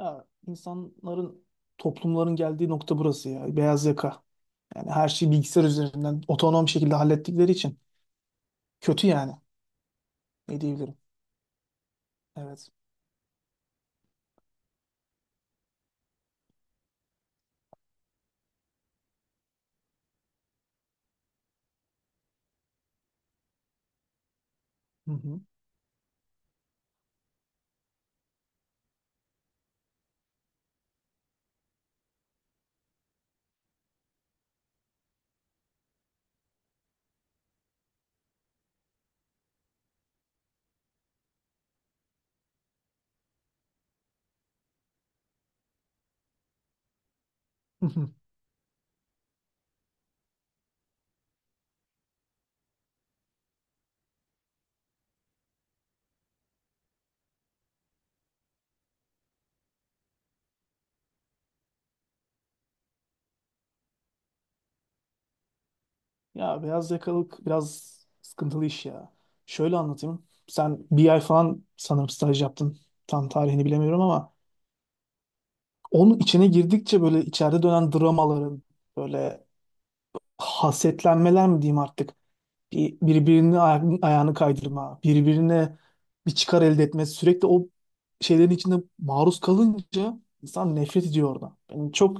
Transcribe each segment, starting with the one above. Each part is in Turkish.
Ya insanların, toplumların geldiği nokta burası ya. Beyaz yaka. Yani her şeyi bilgisayar üzerinden otonom şekilde hallettikleri için kötü yani. Ne diyebilirim? Evet. Hı hı. Hı hı. Ya beyaz yakalık biraz sıkıntılı iş ya. Şöyle anlatayım. Sen bir ay falan sanırım staj yaptın. Tam tarihini bilemiyorum ama onun içine girdikçe böyle içeride dönen dramaların böyle hasetlenmeler mi diyeyim artık. Birbirine ayağını kaydırma, birbirine bir çıkar elde etme, sürekli o şeylerin içinde maruz kalınca insan nefret ediyor orada. Ben çok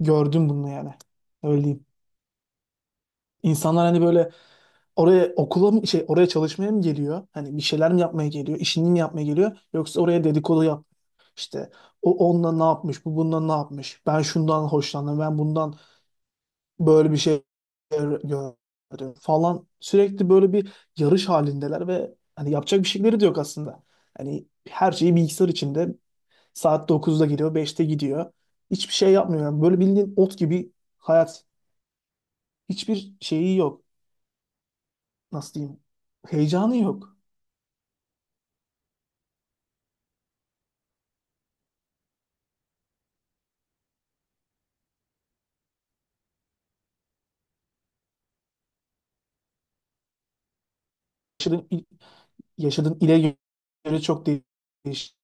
gördüm bunu yani. Öyle diyeyim. İnsanlar hani böyle oraya okula mı şey oraya çalışmaya mı geliyor? Hani bir şeyler mi yapmaya geliyor? İşini mi yapmaya geliyor? Yoksa oraya dedikodu yap. İşte o onunla ne yapmış, bu bununla ne yapmış? Ben şundan hoşlandım, ben bundan böyle bir şey gördüm falan. Sürekli böyle bir yarış halindeler ve hani yapacak bir şeyleri de yok aslında. Hani her şeyi bilgisayar içinde saat dokuzda geliyor, beşte gidiyor. Hiçbir şey yapmıyor. Yani böyle bildiğin ot gibi hayat. Hiçbir şeyi yok. Nasıl diyeyim? Heyecanı yok. Yaşadığın, il- Yaşadığın ile göre çok değişir.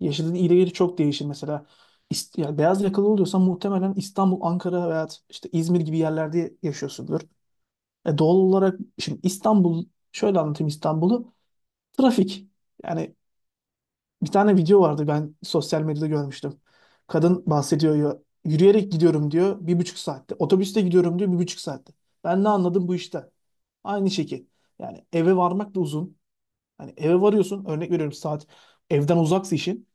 Yaşadığın ile göre çok değişir mesela. Yani beyaz yakalı oluyorsan muhtemelen İstanbul, Ankara veya işte İzmir gibi yerlerde yaşıyorsundur. Doğal olarak şimdi İstanbul, şöyle anlatayım İstanbul'u. Trafik. Yani bir tane video vardı, ben sosyal medyada görmüştüm. Kadın bahsediyor ya, yürüyerek gidiyorum diyor bir buçuk saatte. Otobüste gidiyorum diyor bir buçuk saatte. Ben ne anladım bu işte? Aynı şekil. Yani eve varmak da uzun. Hani eve varıyorsun, örnek veriyorum, saat evden uzaksa işin.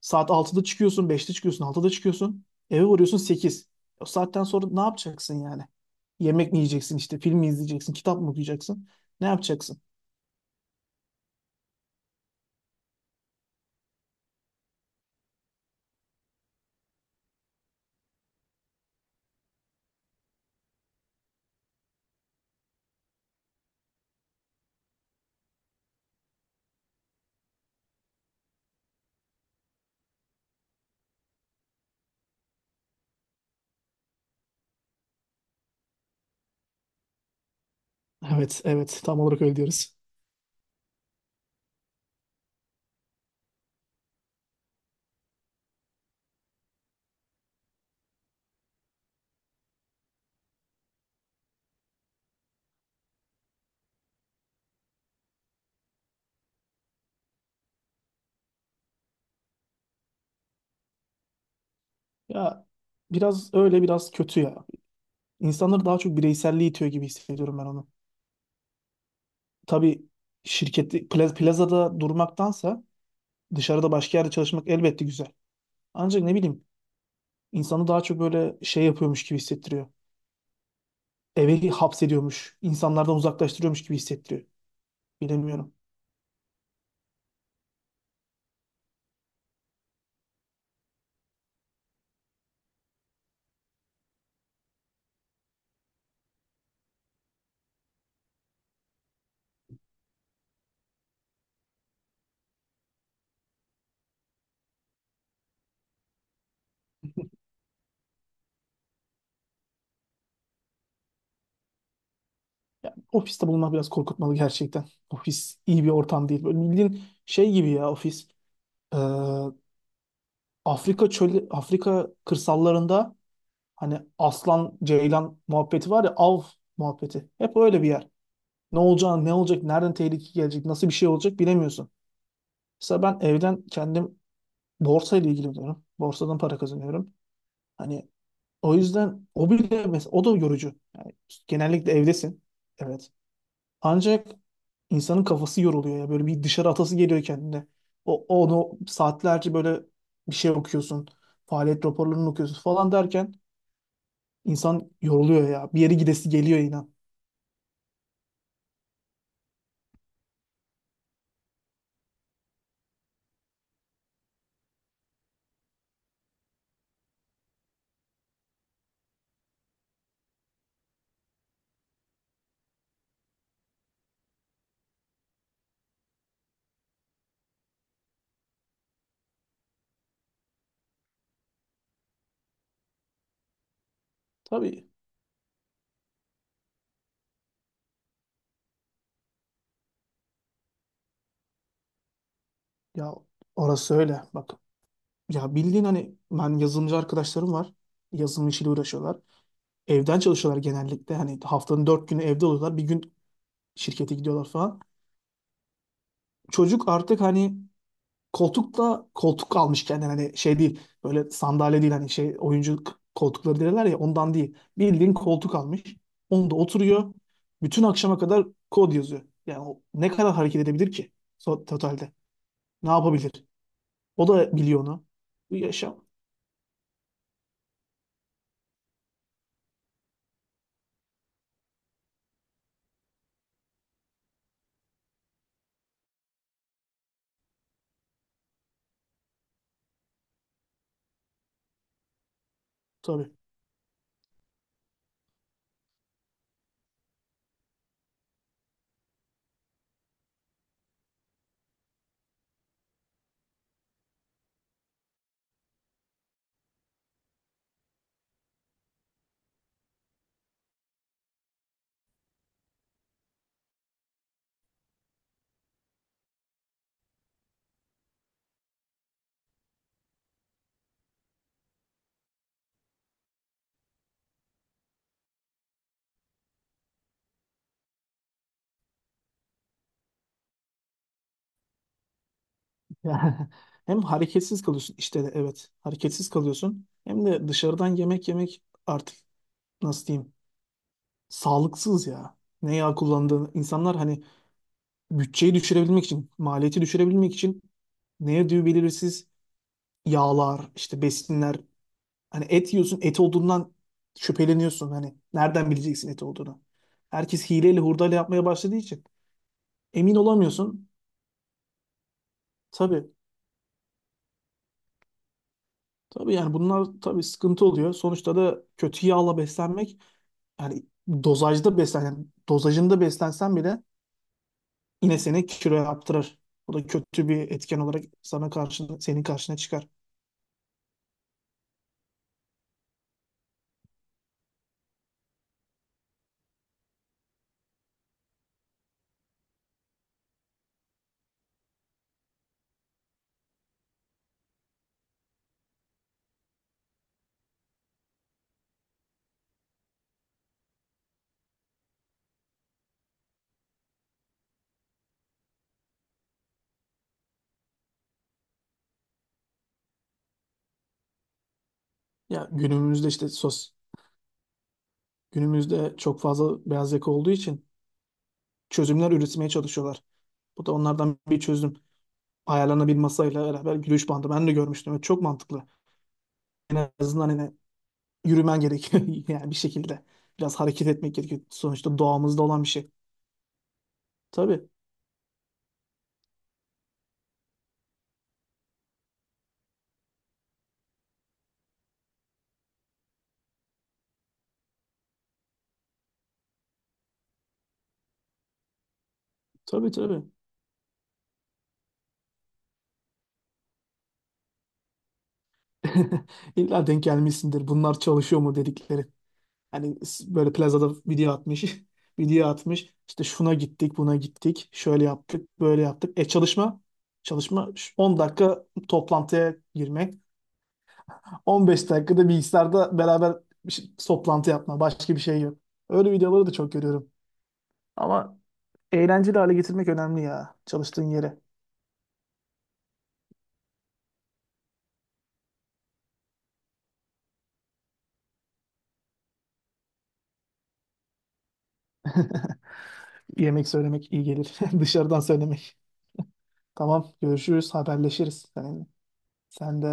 Saat altıda çıkıyorsun, beşte çıkıyorsun, altıda çıkıyorsun. Eve varıyorsun 8. O saatten sonra ne yapacaksın yani? Yemek mi yiyeceksin işte, film mi izleyeceksin, kitap mı okuyacaksın? Ne yapacaksın? Evet, evet. Tam olarak öyle diyoruz. Ya biraz öyle, biraz kötü ya. İnsanları daha çok bireyselliğe itiyor gibi hissediyorum ben onu. Tabii şirkette plazada durmaktansa dışarıda başka yerde çalışmak elbette güzel. Ancak ne bileyim, insanı daha çok böyle şey yapıyormuş gibi hissettiriyor. Eve hapsediyormuş, insanlardan uzaklaştırıyormuş gibi hissettiriyor. Bilemiyorum. Ofiste bulunmak biraz korkutmalı gerçekten. Ofis iyi bir ortam değil. Böyle bildiğin şey gibi ya ofis. Ee, Afrika çölü, Afrika kırsallarında hani aslan, ceylan muhabbeti var ya, av muhabbeti. Hep öyle bir yer. Ne olacağını, ne olacak, nereden tehlike gelecek, nasıl bir şey olacak bilemiyorsun. Mesela ben evden kendim borsa ile ilgileniyorum. Borsadan para kazanıyorum. Hani o yüzden o bile mesela, o da yorucu. Yani genellikle evdesin. Evet. Ancak insanın kafası yoruluyor ya. Böyle bir dışarı atası geliyor kendine. Onu saatlerce böyle bir şey okuyorsun. Faaliyet raporlarını okuyorsun falan derken insan yoruluyor ya. Bir yere gidesi geliyor inan. Tabii ya, orası öyle. Bak ya, bildiğin hani, ben yazılımcı arkadaşlarım var. Yazılım işiyle uğraşıyorlar. Evden çalışıyorlar genellikle. Hani haftanın dört günü evde oluyorlar. Bir gün şirkete gidiyorlar falan. Çocuk artık hani koltuk da koltuk almış kendine, hani şey değil, böyle sandalye değil, hani şey oyuncu koltukları derler ya, ondan değil. Bildiğin koltuk almış. Onda oturuyor. Bütün akşama kadar kod yazıyor. Yani o ne kadar hareket edebilir ki totalde? Ne yapabilir? O da biliyor onu. Bu yaşam. Tabii. Yani hem hareketsiz kalıyorsun işte de, evet hareketsiz kalıyorsun, hem de dışarıdan yemek yemek artık, nasıl diyeyim, sağlıksız ya. Ne yağ kullandığını insanlar hani bütçeyi düşürebilmek için, maliyeti düşürebilmek için, ne yediği belirsiz yağlar işte, besinler, hani et yiyorsun, et olduğundan şüpheleniyorsun, hani nereden bileceksin et olduğunu. Herkes hileyle hurdayla yapmaya başladığı için emin olamıyorsun. Tabii tabii, yani bunlar tabii sıkıntı oluyor sonuçta da, kötü yağla beslenmek, yani yani dozajında beslensen bile yine seni kilo yaptırır. Bu da kötü bir etken olarak senin karşına çıkar. Ya günümüzde günümüzde çok fazla beyaz yaka olduğu için çözümler üretmeye çalışıyorlar. Bu da onlardan bir çözüm. Ayarlarına bir masayla beraber yürüyüş bandı ben de görmüştüm ve çok mantıklı. En azından yine yürümen gerekiyor yani bir şekilde. Biraz hareket etmek gerekiyor. Sonuçta doğamızda olan bir şey. Tabii, tabii. İlla denk gelmişsindir. Bunlar çalışıyor mu dedikleri. Böyle plazada video atmış. Video atmış. İşte şuna gittik, buna gittik. Şöyle yaptık, böyle yaptık. E çalışma. 10 dakika toplantıya girmek. 15 dakikada bilgisayarda beraber toplantı yapma. Başka bir şey yok. Öyle videoları da çok görüyorum. Ama eğlenceli hale getirmek önemli ya, çalıştığın yeri. Yemek söylemek iyi gelir. Dışarıdan söylemek. Tamam, görüşürüz, haberleşiriz seninle. Sen de